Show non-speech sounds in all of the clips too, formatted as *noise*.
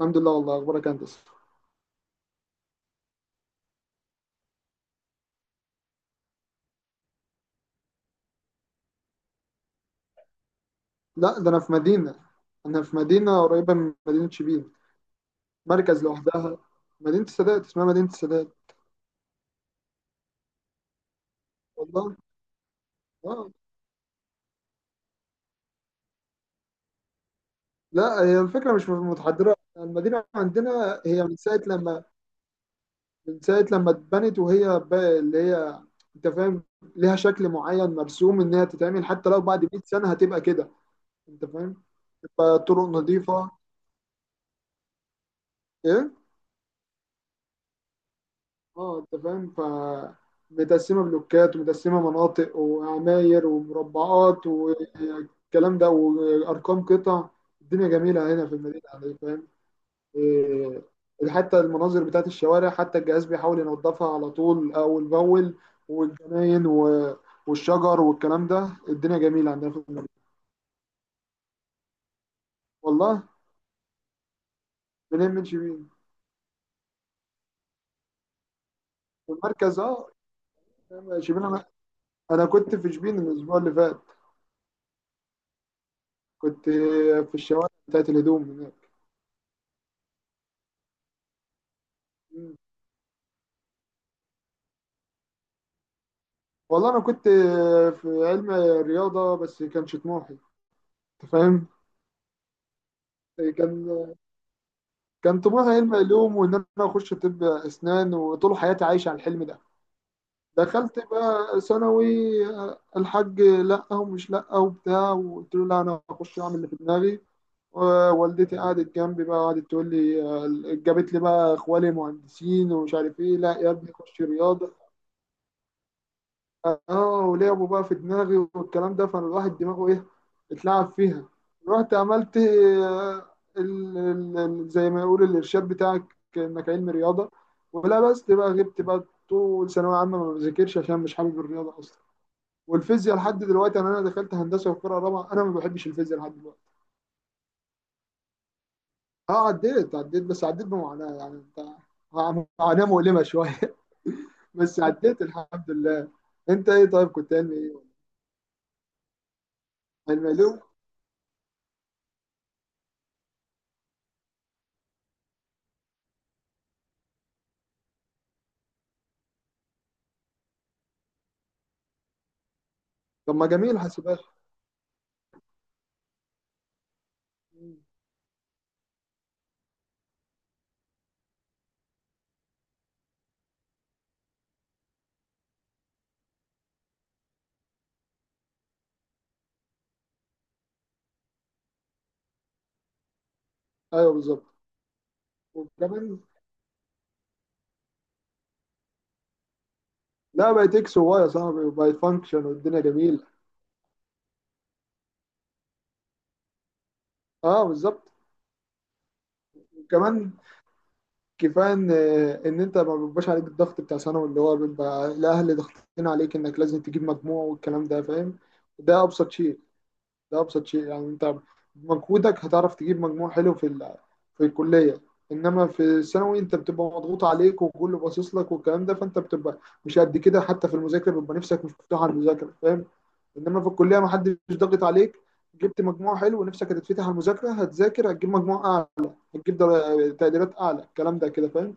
الحمد لله، والله اخبارك انت؟ لا، ده انا في مدينه قريبه من مدينه شبين. مركز لوحدها. مدينه السادات، اسمها مدينه السادات. والله. اه. لا، هي الفكره مش متحضره. المدينه عندنا هي من ساعه لما اتبنت، وهي اللي هي، انت فاهم، ليها شكل معين مرسوم ان هي تتعمل، حتى لو بعد 100 سنه هتبقى كده. انت فاهم؟ تبقى طرق نظيفه. ايه. اه، انت فاهم؟ متقسمه بلوكات، ومتقسمه مناطق، وعماير، ومربعات، والكلام ده، وارقام قطع. الدنيا جميله هنا في المدينه، يعني، فاهم؟ إيه. حتى المناظر بتاعت الشوارع، حتى الجهاز بيحاول ينظفها على طول، اول باول، والجناين والشجر والكلام ده. الدنيا جميله عندنا في المدينه. والله. منين؟ من شبين والمركز؟ اه، شبين. انا كنت في شبين الاسبوع اللي فات. كنت في الشوارع بتاعت الهدوم هناك. والله انا كنت في علم رياضه، بس كانش طموحي، انت فاهم؟ كان كان طموحي علم علوم، وان انا اخش طب اسنان، وطول حياتي عايش على الحلم ده. دخلت بقى ثانوي، الحاج لا ومش لا وبتاع، وقلت له لا انا هخش اعمل اللي في دماغي. ووالدتي قعدت جنبي بقى، قعدت تقول لي، جابت لي بقى اخوالي مهندسين ومش عارف ايه، لا يا ابني خش رياضه. اه. ولعبوا بقى في دماغي والكلام ده، فانا الواحد دماغه ايه؟ اتلعب فيها. رحت عملت، زي ما يقول الارشاد بتاعك، انك علم رياضه. ولا بس بقى غبت بقى طول ثانويه عامه، ما بذاكرش، عشان مش حابب الرياضه اصلا. والفيزياء لحد دلوقتي، انا دخلت هندسه وقراءه رابعه، انا ما بحبش الفيزياء لحد دلوقتي. اه، عديت، بس عديت بمعاناه، يعني انت، معاناه مؤلمه شويه. *laughs* بس عديت الحمد لله. انت ايه؟ طيب كنت علمي ايه؟ علمي علوم. طب ما جميل حاسبات. مم. ايوه بالظبط. وكمان، لا بقت اكس وواي يا صاحبي، بقت فانكشن، والدنيا جميله. اه بالظبط. وكمان كفايه ان انت ما بيبقاش عليك الضغط بتاع ثانوي، اللي هو بيبقى الاهل ضاغطين عليك انك لازم تجيب مجموع والكلام ده، فاهم؟ ده ابسط شيء. ده ابسط شيء، يعني انت بمجهودك هتعرف تجيب مجموع حلو في الكليه. انما في الثانوي انت بتبقى مضغوط عليك وكله باصص لك والكلام ده، فانت بتبقى مش قد كده، حتى في المذاكره بيبقى نفسك مش مفتوح على المذاكره، فاهم؟ انما في الكليه ما حدش ضاغط عليك. جبت مجموع حلو، ونفسك هتتفتح على المذاكره، هتذاكر، هتجيب مجموع اعلى، هتجيب تقديرات اعلى، الكلام ده كده، فاهم؟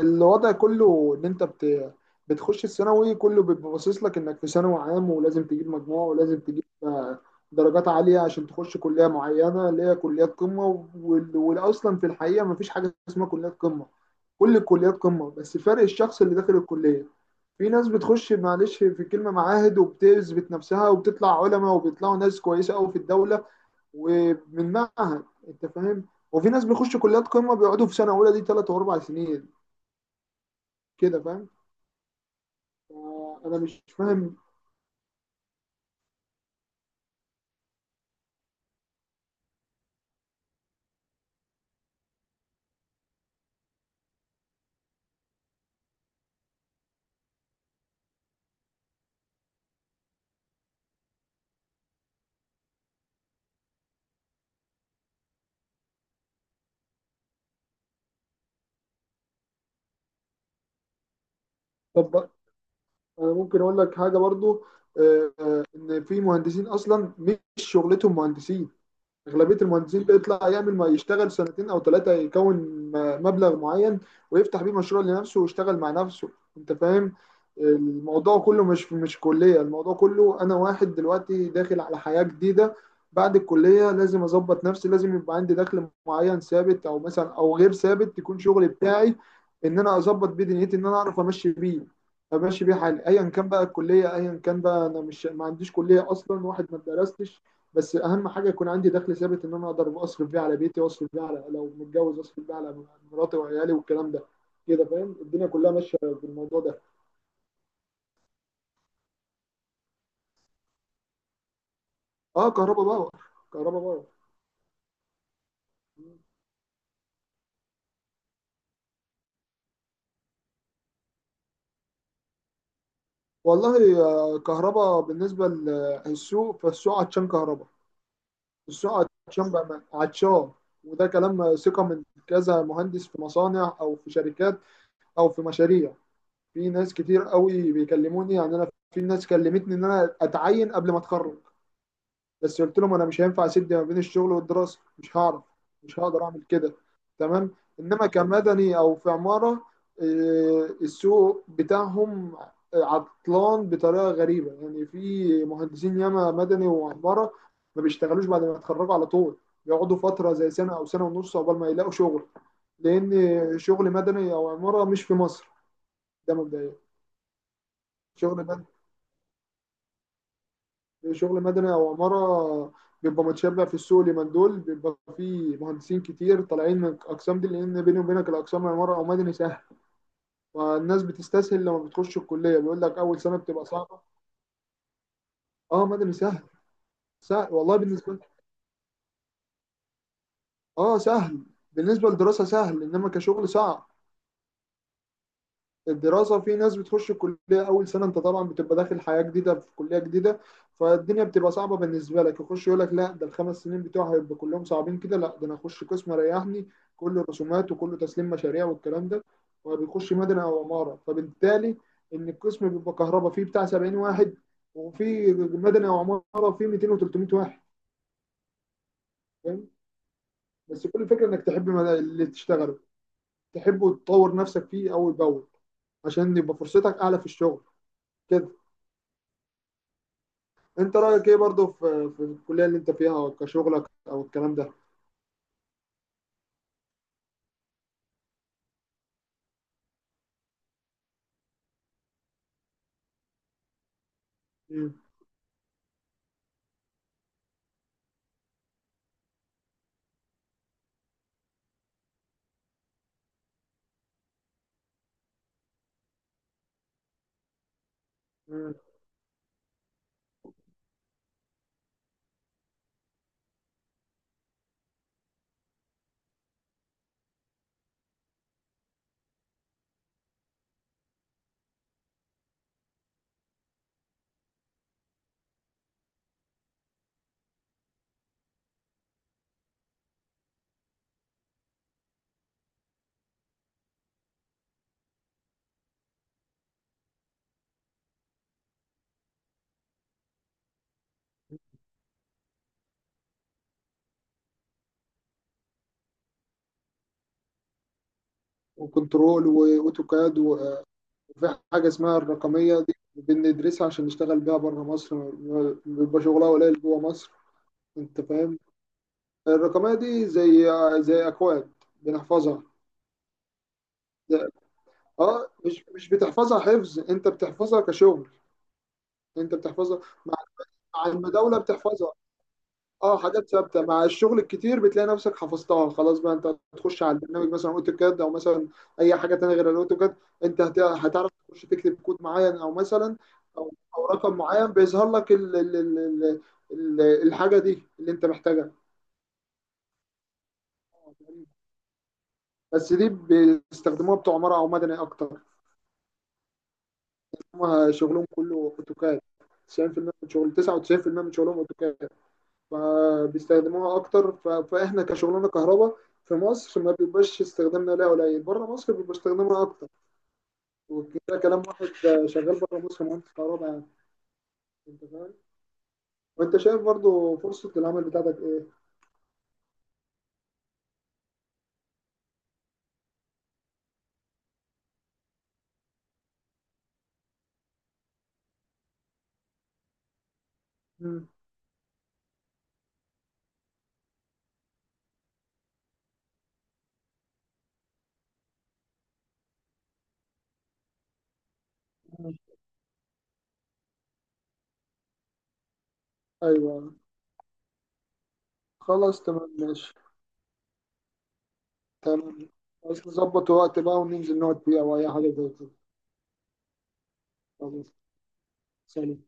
الوضع كله ان انت بتخش الثانوي، كله بيبقى باصص لك انك في ثانوي عام، ولازم تجيب مجموع، ولازم تجيب درجات عاليه عشان تخش كليه معينه اللي هي كليات قمه، والاصلا في الحقيقه ما فيش حاجه اسمها كليات قمه. كل الكليات قمه، بس فرق الشخص اللي داخل الكليه. في ناس بتخش، معلش في الكلمة، معاهد وبتثبت نفسها وبتطلع علماء، وبيطلعوا ناس كويسة قوي في الدولة، ومن معهد، انت فاهم؟ وفي ناس بيخشوا كليات قمة بيقعدوا في سنة أولى دي 3 و4 سنين، كده، فاهم؟ أنا مش فاهم. طب أنا ممكن أقول لك حاجة برضو، إن في مهندسين أصلا مش شغلتهم مهندسين. اغلبيه المهندسين بيطلع يعمل ما يشتغل سنتين او ثلاثه، يكون مبلغ معين، ويفتح بيه مشروع لنفسه ويشتغل مع نفسه، انت فاهم؟ الموضوع كله، مش كليه. الموضوع كله، انا واحد دلوقتي داخل على حياه جديده، بعد الكليه لازم اظبط نفسي، لازم يبقى عندي دخل معين ثابت او مثلا او غير ثابت، يكون شغلي بتاعي، ان انا اظبط بيه دنيتي، ان انا اعرف امشي بيه، حالي، ايا كان بقى الكليه، ايا كان بقى، انا مش، ما عنديش كليه اصلا، واحد ما درستش. بس اهم حاجه يكون عندي دخل ثابت، ان انا اقدر اصرف بيه على بيتي، واصرف بيه على، لو متجوز اصرف بيه على مراتي وعيالي والكلام ده، كده، فاهم؟ الدنيا كلها ماشيه بالموضوع ده. اه، كهرباء باور. كهرباء باور. والله، كهرباء بالنسبه للسوق، فالسوق عطشان كهرباء. السوق عطشان بقى، عطشان، وده كلام ثقه من كذا مهندس في مصانع او في شركات او في مشاريع. في ناس كتير قوي بيكلموني، يعني انا في ناس كلمتني ان انا اتعين قبل ما اتخرج، بس قلت لهم انا مش هينفع اسد ما بين الشغل والدراسه، مش هعرف، مش هقدر اعمل كده. تمام. انما كمدني او في عماره، السوق بتاعهم عطلان بطريقه غريبه، يعني في مهندسين ياما مدني وعماره ما بيشتغلوش بعد ما يتخرجوا على طول، بيقعدوا فتره زي سنه او سنه ونص عقبال ما يلاقوا شغل، لان شغل مدني او عماره مش في مصر، ده مبدئيا. شغل شغل مدني او عماره بيبقى متشابه بقى في السوق. اليومين دول بيبقى في مهندسين كتير طالعين من الاقسام دي، لان بيني وبينك الاقسام العماره او مدني سهل، والناس بتستسهل، لما بتخش الكليه بيقول لك اول سنه بتبقى صعبه. اه، مدني سهل، سهل والله بالنسبه، اه سهل بالنسبه للدراسه سهل، انما كشغل صعب. الدراسة، في ناس بتخش الكلية أول سنة، أنت طبعا بتبقى داخل حياة جديدة في كلية جديدة، فالدنيا بتبقى صعبة بالنسبة لك، يخش يقول لك لا، ده الخمس سنين بتوعي هيبقوا كلهم صعبين كده، لا ده أنا أخش قسم ريحني، كله رسومات وكله تسليم مشاريع والكلام ده، وبيخش مدني أو عمارة. فبالتالي إن القسم بيبقى كهرباء فيه بتاع 70 واحد، وفي مدني أو عمارة فيه 200 و300 واحد، فاهم؟ بس كل الفكرة إنك تحب اللي تشتغله، تحبه وتطور نفسك فيه أول بأول عشان يبقى فرصتك أعلى في الشغل، كده. انت رايك ايه برضو في الكليه اللي انت فيها كشغلك او الكلام ده؟ مم. مم. وكنترول واوتوكاد، وفي حاجه اسمها الرقميه، دي بندرسها عشان نشتغل بيها بره مصر، بيبقى شغلها قليل جوه مصر، انت فاهم؟ الرقميه دي زي، اكواد بنحفظها. ده- اه، مش بتحفظها حفظ، انت بتحفظها كشغل، انت بتحفظها مع، المداوله بتحفظها. اه، حاجات ثابته، مع الشغل الكتير بتلاقي نفسك حفظتها خلاص، بقى انت تخش على البرنامج مثلا اوتوكاد، او مثلا اي حاجه تانية غير الاوتوكاد، انت هتعرف تخش تكتب كود معين، او مثلا او رقم معين بيظهر لك ال ال ال ال ال الحاجه دي اللي انت محتاجها. بس دي بيستخدموها بتوع عماره او مدني اكتر، هم شغلهم كله اوتوكاد. 90% من شغل، 99% من شغلهم اوتوكاد، فبيستخدموها اكتر، فاحنا كشغلانه كهرباء في مصر ما بيبقاش استخدامنا ليها، قليل، بره مصر بيبقى استخدامها اكتر، وده كلام واحد شغال بره مصر مهندس كهرباء، يعني، انت فاهم؟ وانت شايف برضو فرصه العمل بتاعتك ايه؟ مم. مم. ايوه. خلاص تمام ماشي. تمام. عايز نظبط وقت بقى وننزل نقعد فيه او اي حاجه زي كده. خلاص. سلام.